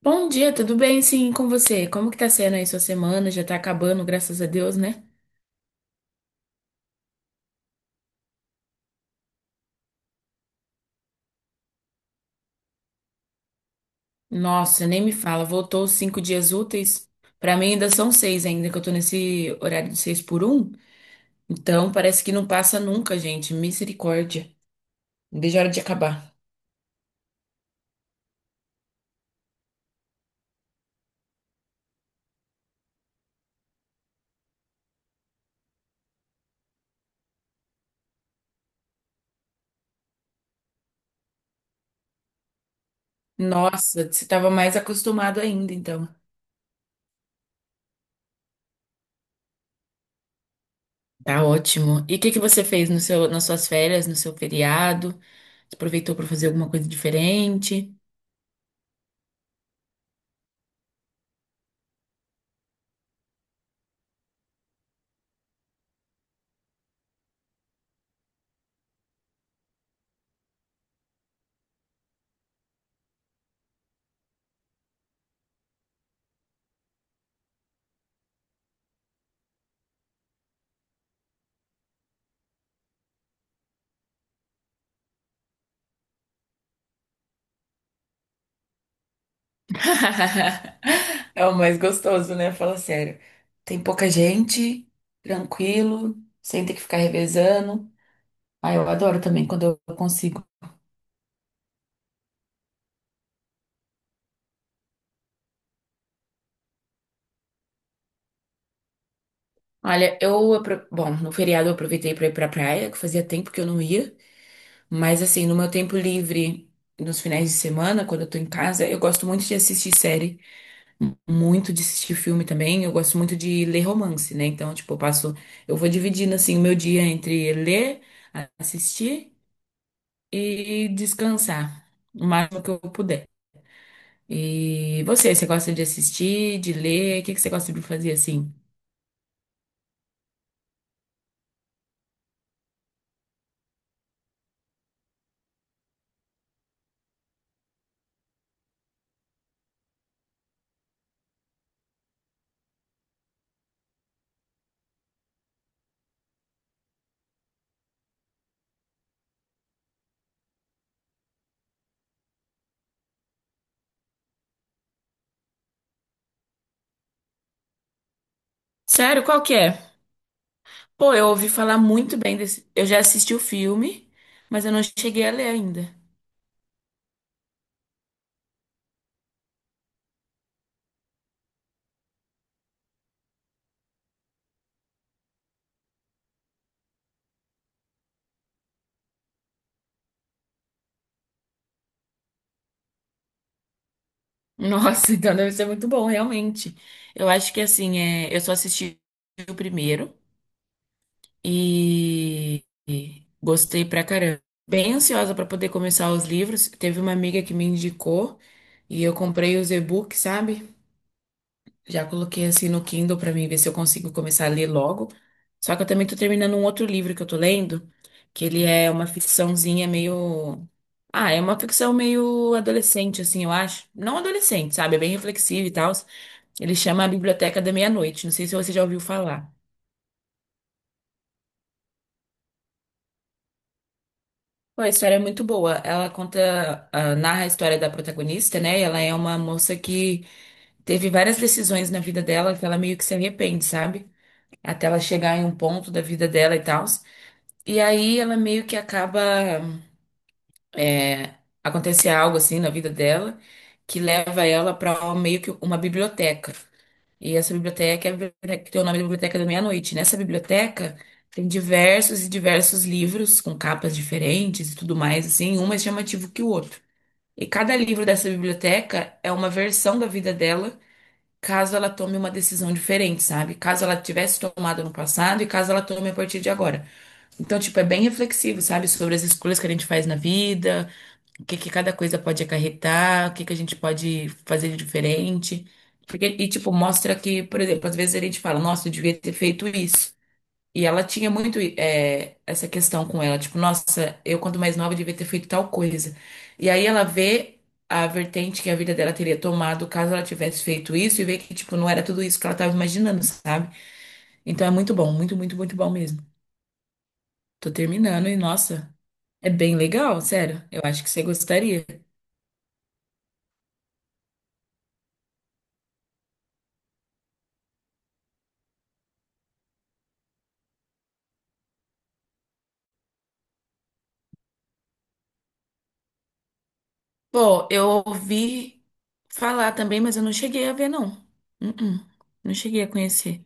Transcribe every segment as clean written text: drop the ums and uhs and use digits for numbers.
Bom dia, tudo bem? Sim, com você? Como que tá sendo aí sua semana? Já tá acabando, graças a Deus, né? Nossa, nem me fala, voltou os cinco dias úteis. Pra mim ainda são seis ainda, que eu tô nesse horário de seis por um. Então parece que não passa nunca, gente. Misericórdia. Não vejo a hora de acabar. Nossa, você tava mais acostumado ainda, então. Tá ótimo. E o que que você fez no seu, nas suas férias, no seu feriado? Você aproveitou pra fazer alguma coisa diferente? É o mais gostoso, né? Fala sério. Tem pouca gente, tranquilo, sem ter que ficar revezando. Ah, eu adoro também quando eu consigo. Olha, bom, no feriado eu aproveitei pra ir pra praia, que fazia tempo que eu não ia, mas assim, no meu tempo livre, nos finais de semana, quando eu tô em casa, eu gosto muito de assistir série, muito de assistir filme também, eu gosto muito de ler romance, né? Então, tipo, eu vou dividindo assim o meu dia entre ler, assistir e descansar o máximo que eu puder. E você, você gosta de assistir, de ler? O que que você gosta de fazer assim? Sério, qual que é? Pô, eu ouvi falar muito bem desse. Eu já assisti o filme, mas eu não cheguei a ler ainda. Nossa, então deve ser muito bom, realmente. Eu acho que assim, é... eu só assisti o primeiro e gostei pra caramba. Bem ansiosa pra poder começar os livros. Teve uma amiga que me indicou e eu comprei os e-books, sabe? Já coloquei assim no Kindle pra mim ver se eu consigo começar a ler logo. Só que eu também tô terminando um outro livro que eu tô lendo, que ele é uma ficçãozinha meio. Ah, é uma ficção meio adolescente, assim, eu acho. Não adolescente, sabe? É bem reflexivo e tal. Ele chama A Biblioteca da Meia-Noite. Não sei se você já ouviu falar. Pô, a história é muito boa. Narra a história da protagonista, né? E ela é uma moça que teve várias decisões na vida dela que ela meio que se arrepende, sabe? Até ela chegar em um ponto da vida dela e tal. E aí ela meio que acaba acontecer algo assim na vida dela que leva ela para meio que uma biblioteca. E essa biblioteca é a biblioteca que tem o nome da Biblioteca da Meia-Noite. Nessa biblioteca tem diversos e diversos livros com capas diferentes e tudo mais, assim, um mais chamativo que o outro. E cada livro dessa biblioteca é uma versão da vida dela, caso ela tome uma decisão diferente, sabe? Caso ela tivesse tomado no passado e caso ela tome a partir de agora. Então, tipo, é bem reflexivo, sabe? Sobre as escolhas que a gente faz na vida, o que que cada coisa pode acarretar, o que que a gente pode fazer de diferente. Mostra que, por exemplo, às vezes a gente fala, nossa, eu devia ter feito isso. E ela tinha muito, essa questão com ela, tipo, nossa, eu quando mais nova devia ter feito tal coisa. E aí ela vê a vertente que a vida dela teria tomado caso ela tivesse feito isso e vê que, tipo, não era tudo isso que ela tava imaginando, sabe? Então é muito bom, muito, muito, muito bom mesmo. Tô terminando e, nossa. É bem legal, sério. Eu acho que você gostaria. Pô, eu ouvi falar também, mas eu não cheguei a ver, não. Uh-uh. Não cheguei a conhecer.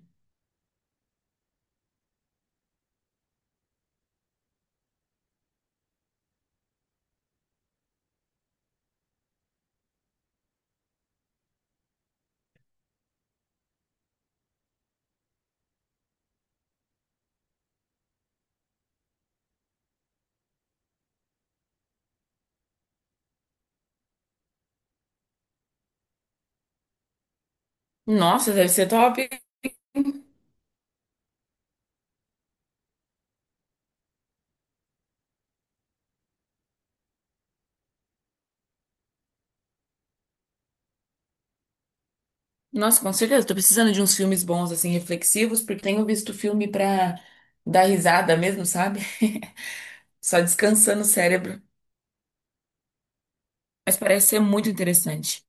Nossa, deve ser top. Nossa, com certeza. Tô precisando de uns filmes bons, assim, reflexivos, porque tenho visto filme pra dar risada mesmo, sabe? Só descansando o cérebro. Mas parece ser muito interessante.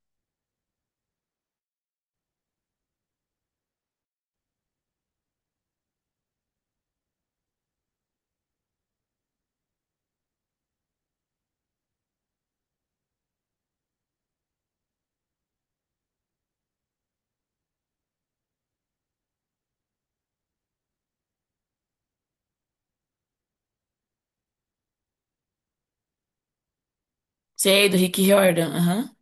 Sei, do Rick Riordan. Aham.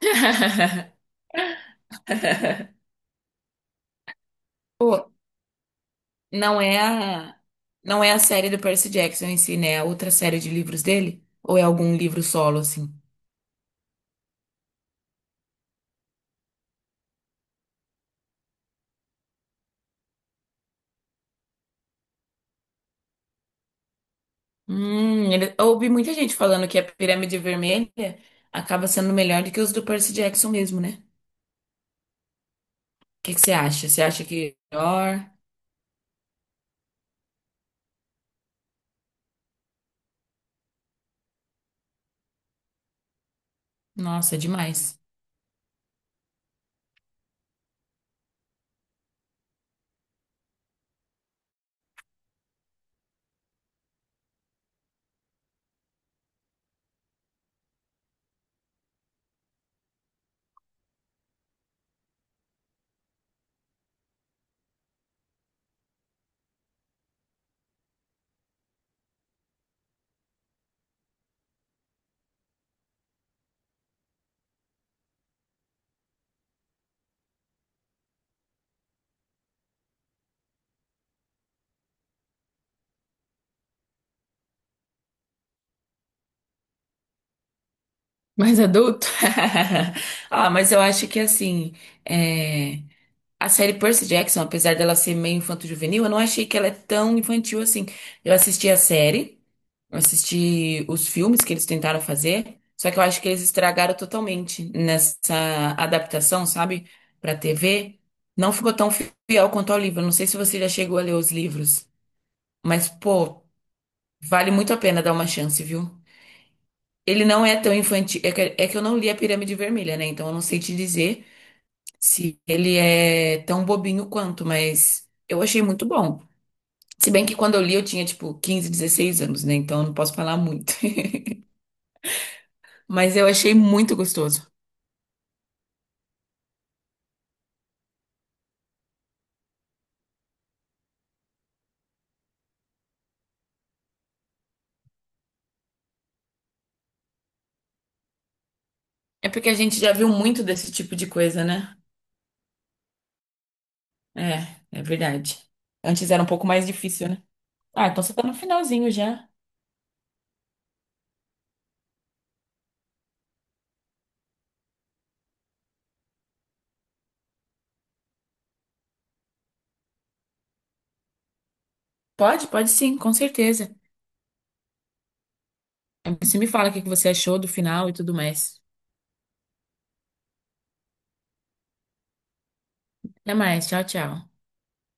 Pô, Não é a, não é a série do Percy Jackson em si, né? É outra série de livros dele? Ou é algum livro solo, assim? Eu ouvi muita gente falando que a Pirâmide Vermelha acaba sendo melhor do que os do Percy Jackson mesmo, né? O que que você acha? Você acha que é melhor? Nossa, é demais. Mais adulto? Ah, mas eu acho que assim, é. A série Percy Jackson, apesar dela ser meio infanto-juvenil, eu não achei que ela é tão infantil assim. Eu assisti a série, eu assisti os filmes que eles tentaram fazer, só que eu acho que eles estragaram totalmente nessa adaptação, sabe, pra TV. Não ficou tão fiel quanto ao livro. Eu não sei se você já chegou a ler os livros, mas, pô, vale muito a pena dar uma chance, viu? Ele não é tão infantil. É que eu não li a Pirâmide Vermelha, né? Então eu não sei te dizer se ele é tão bobinho quanto, mas eu achei muito bom. Se bem que quando eu li eu tinha tipo 15, 16 anos, né? Então eu não posso falar muito. Mas eu achei muito gostoso. É porque a gente já viu muito desse tipo de coisa, né? É, é verdade. Antes era um pouco mais difícil, né? Ah, então você tá no finalzinho já. Pode, pode sim, com certeza. Você me fala o que que você achou do final e tudo mais. Até mais, tchau, tchau.